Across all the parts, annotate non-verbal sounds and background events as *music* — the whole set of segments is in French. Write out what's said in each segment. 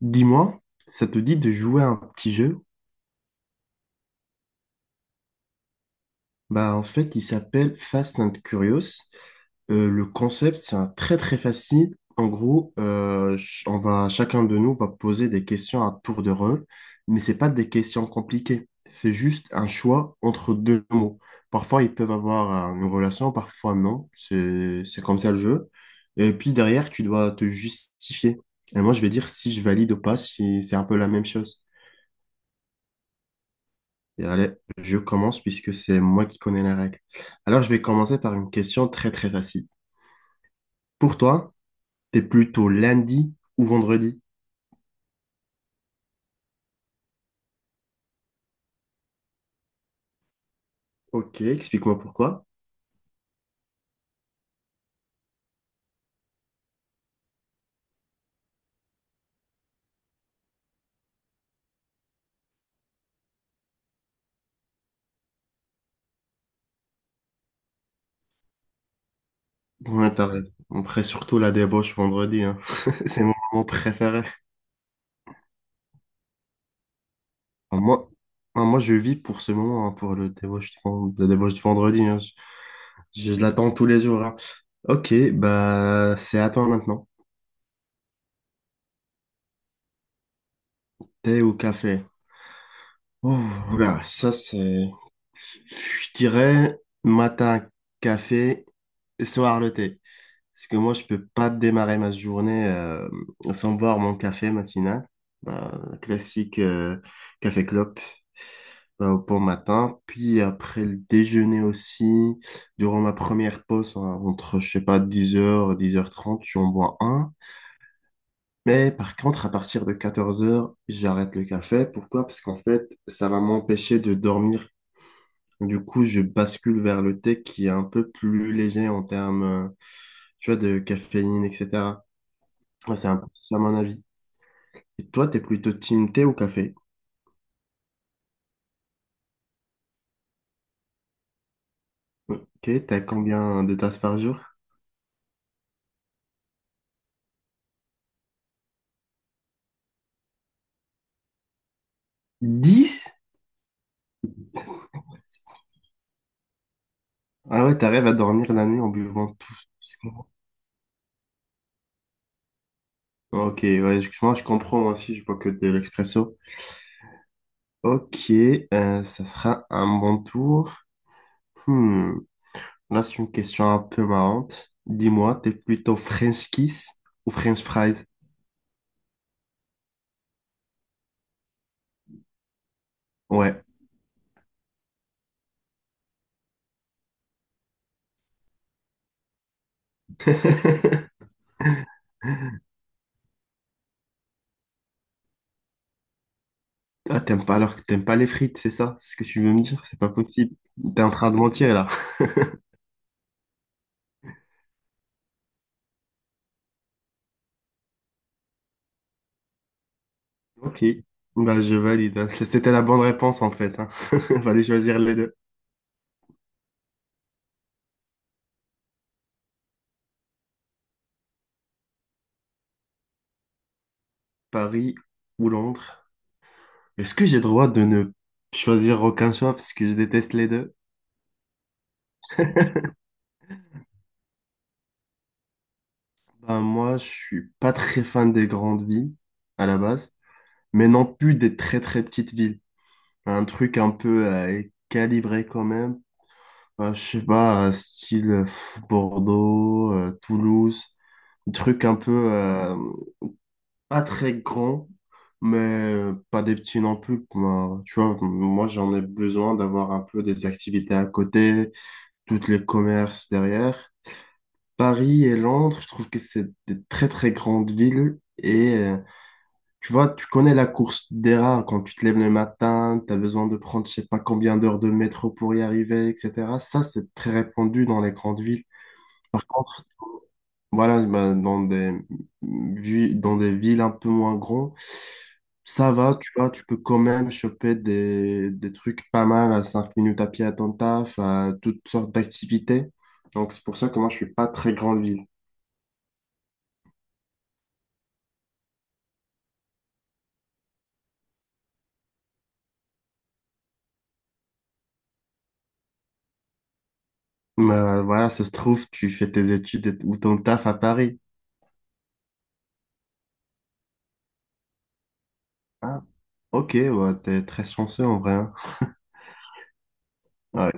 Dis-moi, ça te dit de jouer à un petit jeu? Il s'appelle Fast and Curious. Le concept, c'est un très très facile. En gros, ch- on va Chacun de nous va poser des questions à tour de rôle, mais c'est pas des questions compliquées. C'est juste un choix entre deux mots. Parfois, ils peuvent avoir une relation, parfois non. C'est comme ça le jeu. Et puis derrière, tu dois te justifier. Et moi, je vais dire si je valide ou pas, si c'est un peu la même chose. Et allez, je commence puisque c'est moi qui connais la règle. Alors, je vais commencer par une question très très facile. Pour toi, t'es plutôt lundi ou vendredi? Ok, explique-moi pourquoi. Ouais, t'as raison. Après, surtout la débauche vendredi, hein. *laughs* C'est mon moment préféré. Enfin, Moi, moi, je vis pour ce moment, hein, pour le débauche de, la débauche de vendredi, hein. Je l'attends tous les jours, hein. Ok, bah c'est à toi maintenant. Thé ou café? Oh, là, ça c'est. Je dirais matin café, soir le thé. Parce que moi, je peux pas démarrer ma journée sans boire mon café matinal. Bah, classique café clope bah, au bon matin. Puis après le déjeuner aussi, durant ma première pause, hein, entre, je sais pas, 10h, 10h30, j'en bois un. Mais par contre, à partir de 14h, j'arrête le café. Pourquoi? Parce qu'en fait, ça va m'empêcher de dormir, du coup, je bascule vers le thé qui est un peu plus léger en termes, tu vois, de caféine, etc. Ouais, c'est un peu ça mon avis. Et toi, t'es plutôt team thé ou café? Ok, t'as combien de tasses par jour? Dix? Ah ouais, t'arrives à dormir la nuit en buvant ce que- Ok, ouais, moi je comprends, moi aussi, je bois que de l'expresso. Ok, ça sera un bon tour. Hmm, là, c'est une question un peu marrante. Dis-moi, t'es plutôt French kiss ou French fries? Ouais. *laughs* Ah, t'aimes pas alors que t'aimes pas les frites, c'est ça? C'est ce que tu veux me dire? C'est pas possible. T'es en train de mentir là. Ok. Bah, je valide. C'était la bonne réponse en fait, hein. *laughs* Fallait choisir les deux. Paris ou Londres. Est-ce que j'ai le droit de ne choisir aucun choix parce que je déteste les deux? Bah, moi, je suis pas très fan des grandes villes à la base, mais non plus des très très petites villes. Un truc un peu calibré quand même. Bah, je sais pas, style Bordeaux, Toulouse. Truc un peu pas très grand, mais pas des petits non plus. Moi, tu vois, moi j'en ai besoin d'avoir un peu des activités à côté, toutes les commerces derrière. Paris et Londres, je trouve que c'est des très très grandes villes. Et tu vois, tu connais la course des rats quand tu te lèves le matin, tu as besoin de prendre je sais pas combien d'heures de métro pour y arriver, etc. Ça, c'est très répandu dans les grandes villes. Par contre, voilà, bah, dans des villes un peu moins grandes, ça va, tu vois, tu peux quand même choper des trucs pas mal à 5 minutes à pied à ton taf, à toutes sortes d'activités. Donc, c'est pour ça que moi, je suis pas très grande ville. Mais voilà, ça se trouve, tu fais tes ou ton taf à Paris. Ah, ok, ouais, t'es très chanceux en vrai, hein. Ouais.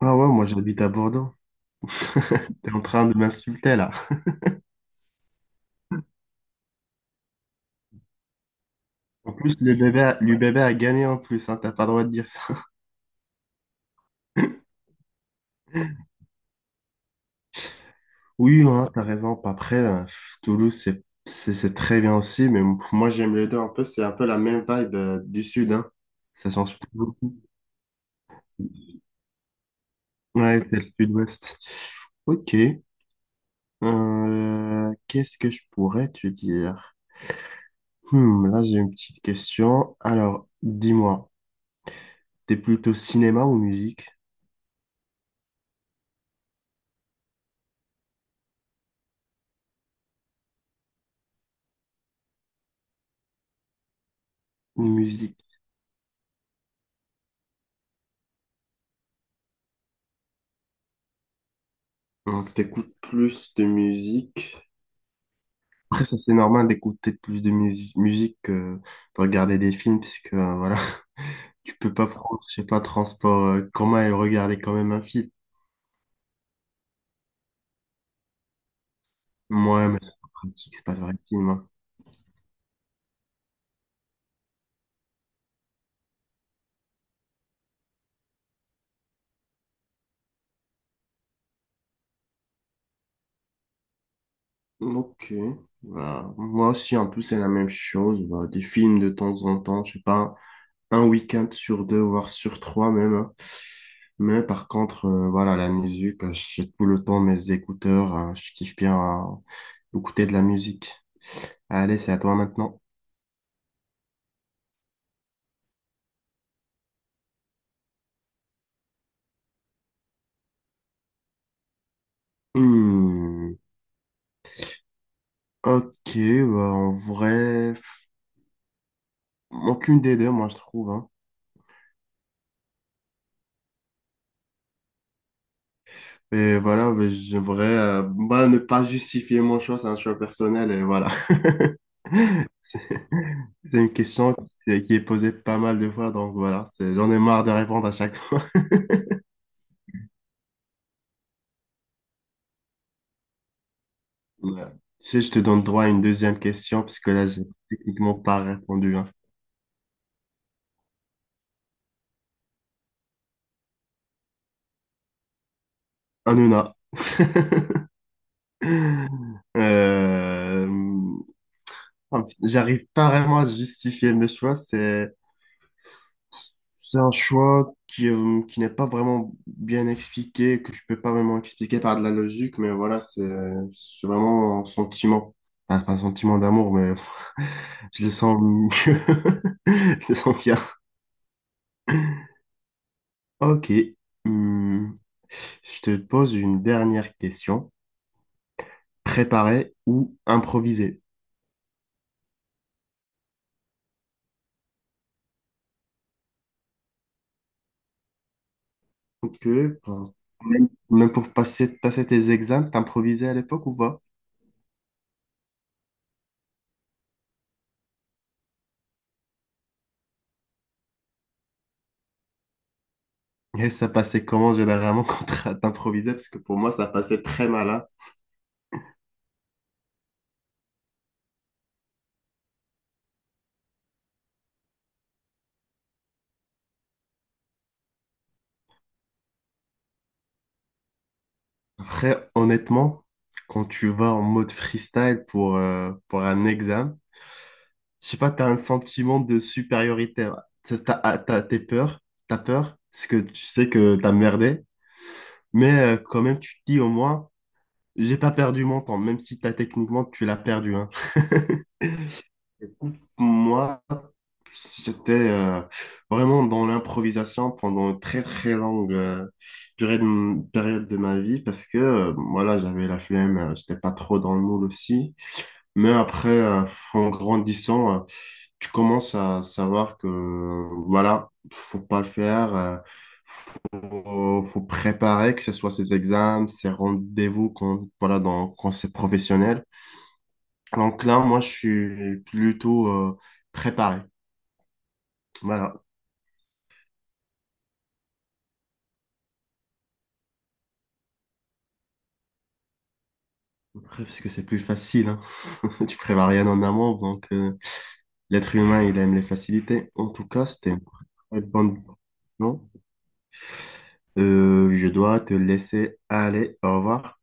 Ah ouais, moi, j'habite à Bordeaux. T'es en train de m'insulter là. En plus, le bébé a gagné en plus, hein, t'as pas le droit de dire ça. Oui, hein, t'as raison. Après, Toulouse, c'est très bien aussi, mais moi, j'aime les deux un peu. C'est un peu la même vibe du sud, hein. Ça change pas beaucoup. Ouais, c'est le sud-ouest. Ok. Qu'est-ce que je pourrais te dire? Hmm, là, j'ai une petite question. Alors, dis-moi, t'es plutôt cinéma ou musique? Musique. Donc, t'écoutes plus de musique. Après, ça, c'est normal d'écouter plus de musique que de regarder des films, puisque, voilà. Tu peux pas prendre, je sais pas, transport commun et regarder quand même un film. Moi, mais c'est pas pratique, c'est pas vrai film, hein. Ok. Voilà. Moi aussi, un peu, c'est la même chose. Bah, des films de temps en temps, je sais pas, un week-end sur deux, voire sur trois même, hein. Mais par contre, voilà, la musique, j'ai tout le temps mes écouteurs, je kiffe bien euh, écouter de la musique. Allez, c'est à toi maintenant. Hmm. Ok, bah, en vrai, aucune des deux, moi, je trouve, hein. Et voilà, mais j'aimerais bah, ne pas justifier mon choix, c'est un choix personnel et voilà. *laughs* C'est une question qui est posée pas mal de fois, donc voilà, c'est, j'en ai marre de répondre à chaque fois. *laughs* Ouais. Tu sais, je te donne droit à une deuxième question, puisque là, j'ai techniquement pas répondu, hein. Hanouna. *laughs* Euh, J'arrive pas vraiment à justifier mes choix, c'est un choix qui n'est pas vraiment bien expliqué, que je peux pas vraiment expliquer par de la logique, mais voilà, c'est vraiment un sentiment. Enfin, pas un sentiment d'amour, mais *laughs* je le sens mieux. *laughs* Je le sens bien. Ok. Hmm. Je te pose une dernière question. Préparer ou improviser? Ok, ben, même pour passer, passer tes examens, t'improvisais à l'époque ou pas? Et ça passait comment généralement *laughs* quand t'improvisais? Parce que pour moi, ça passait très mal. Après, honnêtement, quand tu vas en mode freestyle pour un examen, je sais pas, tu as un sentiment de supériorité. T'es peur, t'as peur, parce que tu sais que t'as merdé, mais quand même, tu te dis au moins, j'ai pas perdu mon temps, même si t'as techniquement, tu l'as perdu, hein. *laughs* Moi, j'étais vraiment dans l'improvisation pendant une très très longue période de ma vie parce que voilà, j'avais la flemme, j'étais pas trop dans le moule aussi. Mais après, en grandissant, tu commences à savoir que, voilà, faut pas le faire. Faut préparer, que ce soit ses examens, ses rendez-vous, quand, voilà, quand c'est professionnel. Donc là, moi, je suis plutôt préparé. Voilà, après, parce que c'est plus facile, hein. *laughs* Tu prépares rien en amont, donc l'être humain, il aime les facilités. En tout cas, c'était une très bonne... Non? Je dois te laisser aller. Au revoir.